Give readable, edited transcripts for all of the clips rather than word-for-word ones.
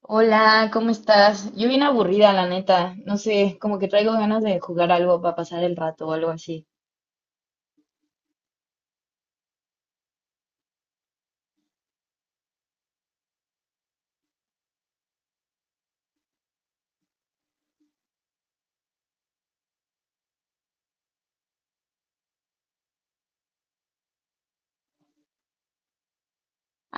Hola, ¿cómo estás? Yo bien aburrida, la neta. No sé, como que traigo ganas de jugar algo para pasar el rato o algo así.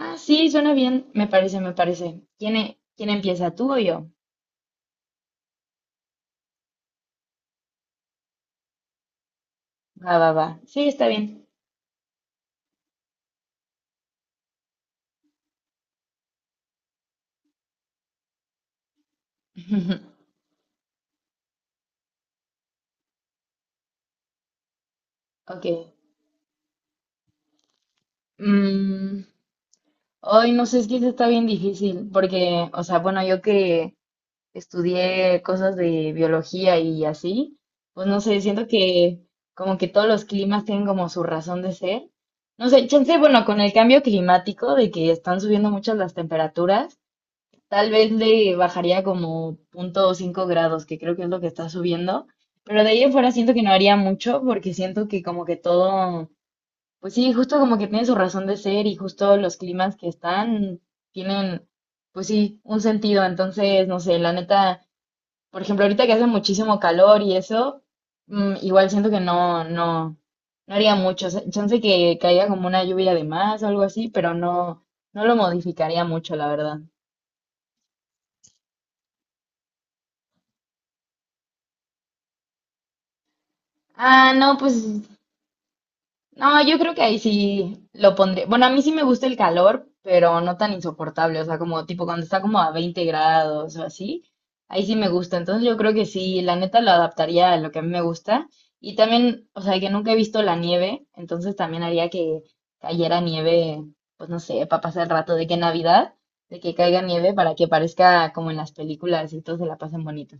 Ah, sí, suena bien, me parece, me parece. ¿Quién empieza, tú o yo? Va, va, va. Sí, está bien. Ok. Mm, hoy no sé, es que eso está bien difícil, porque, o sea, bueno, yo que estudié cosas de biología y así, pues no sé, siento que como que todos los climas tienen como su razón de ser. No sé, chance, bueno, con el cambio climático de que están subiendo muchas las temperaturas, tal vez le bajaría como 0,5 grados, que creo que es lo que está subiendo, pero de ahí en fuera siento que no haría mucho porque siento que como que todo, pues sí, justo como que tiene su razón de ser y justo los climas que están tienen, pues sí, un sentido, entonces, no sé, la neta. Por ejemplo, ahorita que hace muchísimo calor y eso, igual siento que no, no, no haría mucho. O sea, chance que caiga como una lluvia de más o algo así, pero no, no lo modificaría mucho, la verdad. Ah, no, pues no, yo creo que ahí sí lo pondré. Bueno, a mí sí me gusta el calor, pero no tan insoportable. O sea, como tipo cuando está como a 20 grados o así. Ahí sí me gusta. Entonces yo creo que sí, la neta lo adaptaría a lo que a mí me gusta. Y también, o sea, que nunca he visto la nieve, entonces también haría que cayera nieve, pues no sé, para pasar el rato de que Navidad, de que caiga nieve para que parezca como en las películas y todos se la pasen bonito.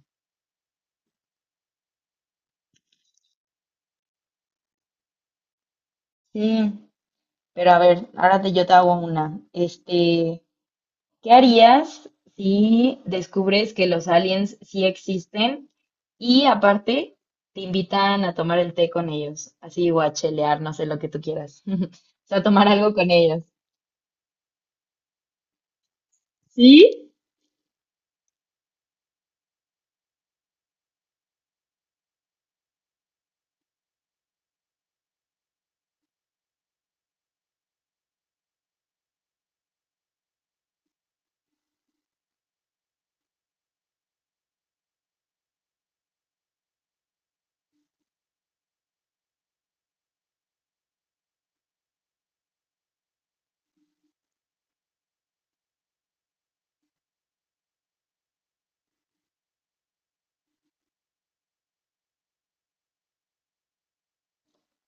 Sí, pero a ver, yo te hago una. ¿Qué harías si descubres que los aliens sí existen y aparte te invitan a tomar el té con ellos? Así o a chelear, no sé, lo que tú quieras. O sea, tomar algo con ellos. ¿Sí?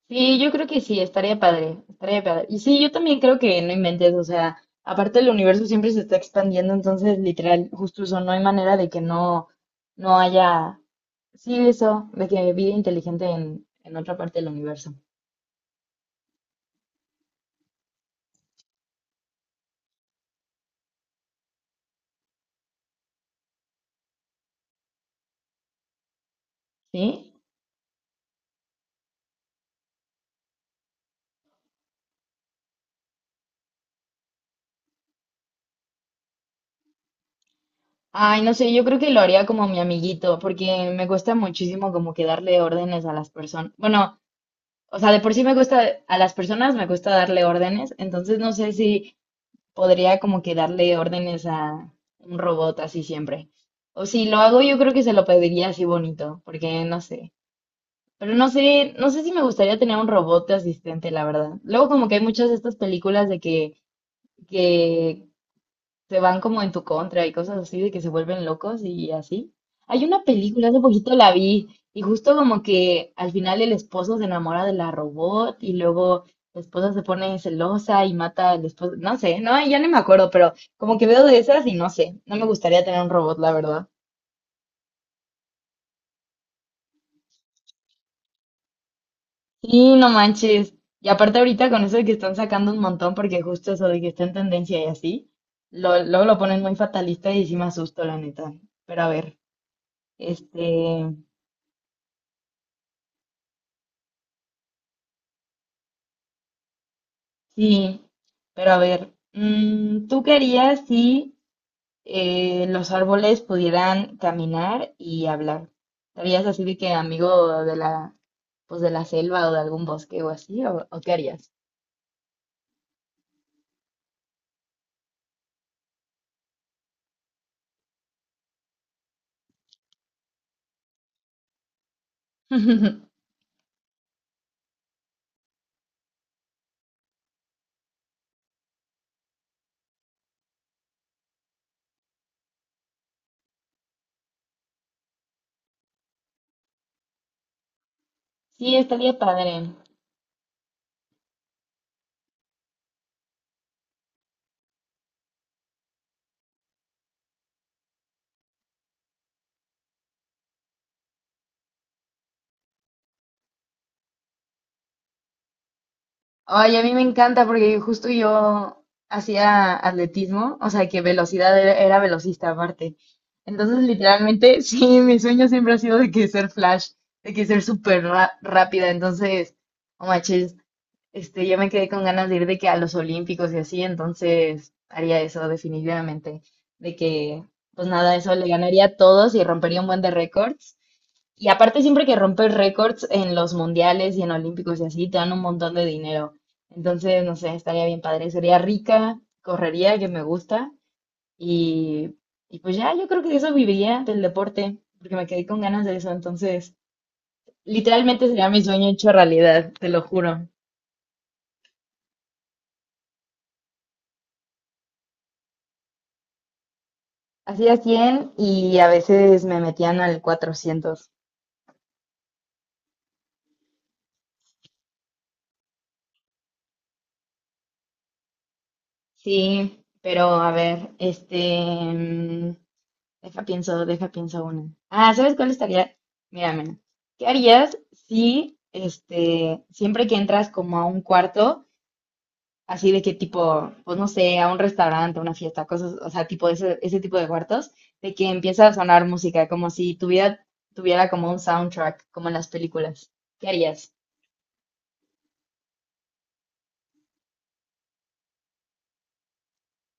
Sí, yo creo que sí, estaría padre, estaría padre. Y sí, yo también creo que no inventes, o sea, aparte el universo siempre se está expandiendo, entonces literal, justo eso, no hay manera de que no, no haya, sí, eso, de que vida inteligente en otra parte del universo. ¿Sí? Ay, no sé, yo creo que lo haría como mi amiguito, porque me cuesta muchísimo como que darle órdenes a las personas. Bueno, o sea, de por sí me cuesta, a las personas me cuesta darle órdenes, entonces no sé si podría como que darle órdenes a un robot así siempre. O si lo hago, yo creo que se lo pediría así bonito, porque no sé. Pero no sé, no sé si me gustaría tener un robot de asistente, la verdad. Luego como que hay muchas de estas películas de que se van como en tu contra y cosas así de que se vuelven locos y así. Hay una película, hace poquito la vi y justo como que al final el esposo se enamora de la robot y luego la esposa se pone celosa y mata al esposo, no sé, no, ya no me acuerdo, pero como que veo de esas y no sé, no me gustaría tener un robot, la verdad. Sí, no manches. Y aparte ahorita con eso de que están sacando un montón porque justo eso de que está en tendencia y así, lo, luego lo ponen muy fatalista y sí me asusto, la neta. Pero a ver, este, sí, pero a ver, ¿tú qué harías si los árboles pudieran caminar y hablar? ¿Estarías así de que amigo de la, pues de la selva o de algún bosque o así? O qué harías? Sí, estaría padre. Ay, a mí me encanta porque justo yo hacía atletismo, o sea que velocidad era velocista aparte. Entonces, literalmente, sí, mi sueño siempre ha sido de que ser Flash, de que ser súper rápida. Entonces, no manches, yo me quedé con ganas de ir de que a los Olímpicos y así, entonces haría eso definitivamente, de que, pues nada, eso le ganaría a todos y rompería un buen de récords. Y aparte siempre que rompes récords en los mundiales y en olímpicos y así, te dan un montón de dinero. Entonces, no sé, estaría bien padre. Sería rica, correría, que me gusta. Y, y pues ya, yo creo que de eso viviría, del deporte, porque me quedé con ganas de eso. Entonces, literalmente sería mi sueño hecho realidad, te lo juro. Hacía 100 y a veces me metían al 400. Sí, pero a ver, deja pienso, deja pienso una. Ah, ¿sabes cuál estaría? Mira, mira. ¿Qué harías si, siempre que entras como a un cuarto, así de que tipo, pues no sé, a un restaurante, a una fiesta, cosas, o sea, tipo ese, ese tipo de cuartos, de que empieza a sonar música, como si tu vida tuviera como un soundtrack, como en las películas. ¿Qué harías?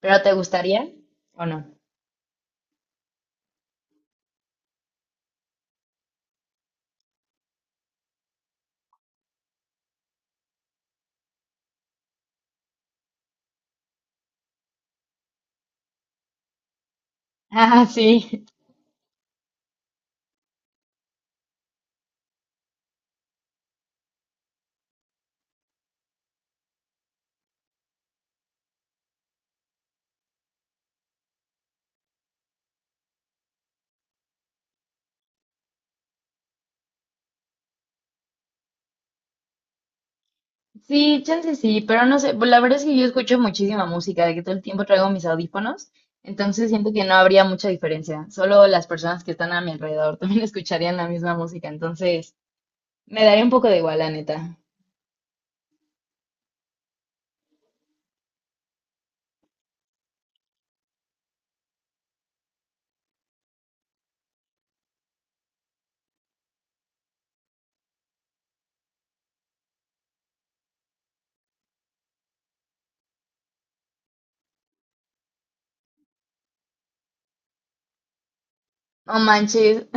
¿Pero te gustaría o no? Ah, sí. Sí, chance sí, pero no sé, pues, la verdad es que yo escucho muchísima música, de que todo el tiempo traigo mis audífonos, entonces siento que no habría mucha diferencia, solo las personas que están a mi alrededor también escucharían la misma música, entonces me daría un poco de igual, la neta. No manches,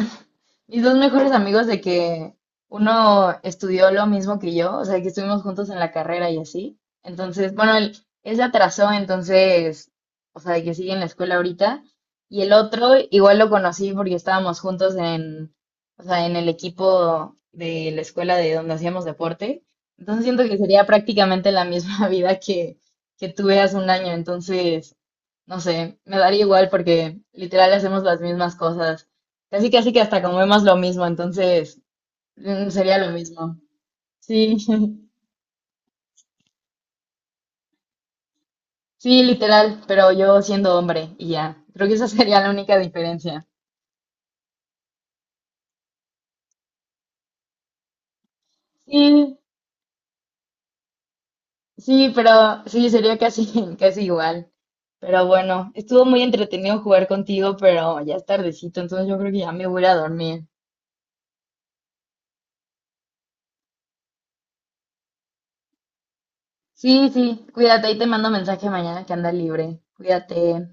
mis dos mejores amigos de que uno estudió lo mismo que yo, o sea, que estuvimos juntos en la carrera y así. Entonces, bueno, él se atrasó, entonces, o sea, de que sigue en la escuela ahorita. Y el otro, igual lo conocí porque estábamos juntos en, o sea, en el equipo de la escuela de donde hacíamos deporte. Entonces siento que sería prácticamente la misma vida que tuve hace un año. Entonces, no sé, me daría igual porque literal hacemos las mismas cosas. Casi, casi que hasta comemos lo mismo, entonces mm, sería lo mismo. Sí, sí, literal, pero yo siendo hombre y ya. Creo que esa sería la única diferencia. Sí, sí, pero sí, sería casi, casi igual. Pero bueno, estuvo muy entretenido jugar contigo, pero ya es tardecito, entonces yo creo que ya me voy a ir a dormir. Sí, sí, cuídate, ahí te mando mensaje mañana que anda libre. Cuídate.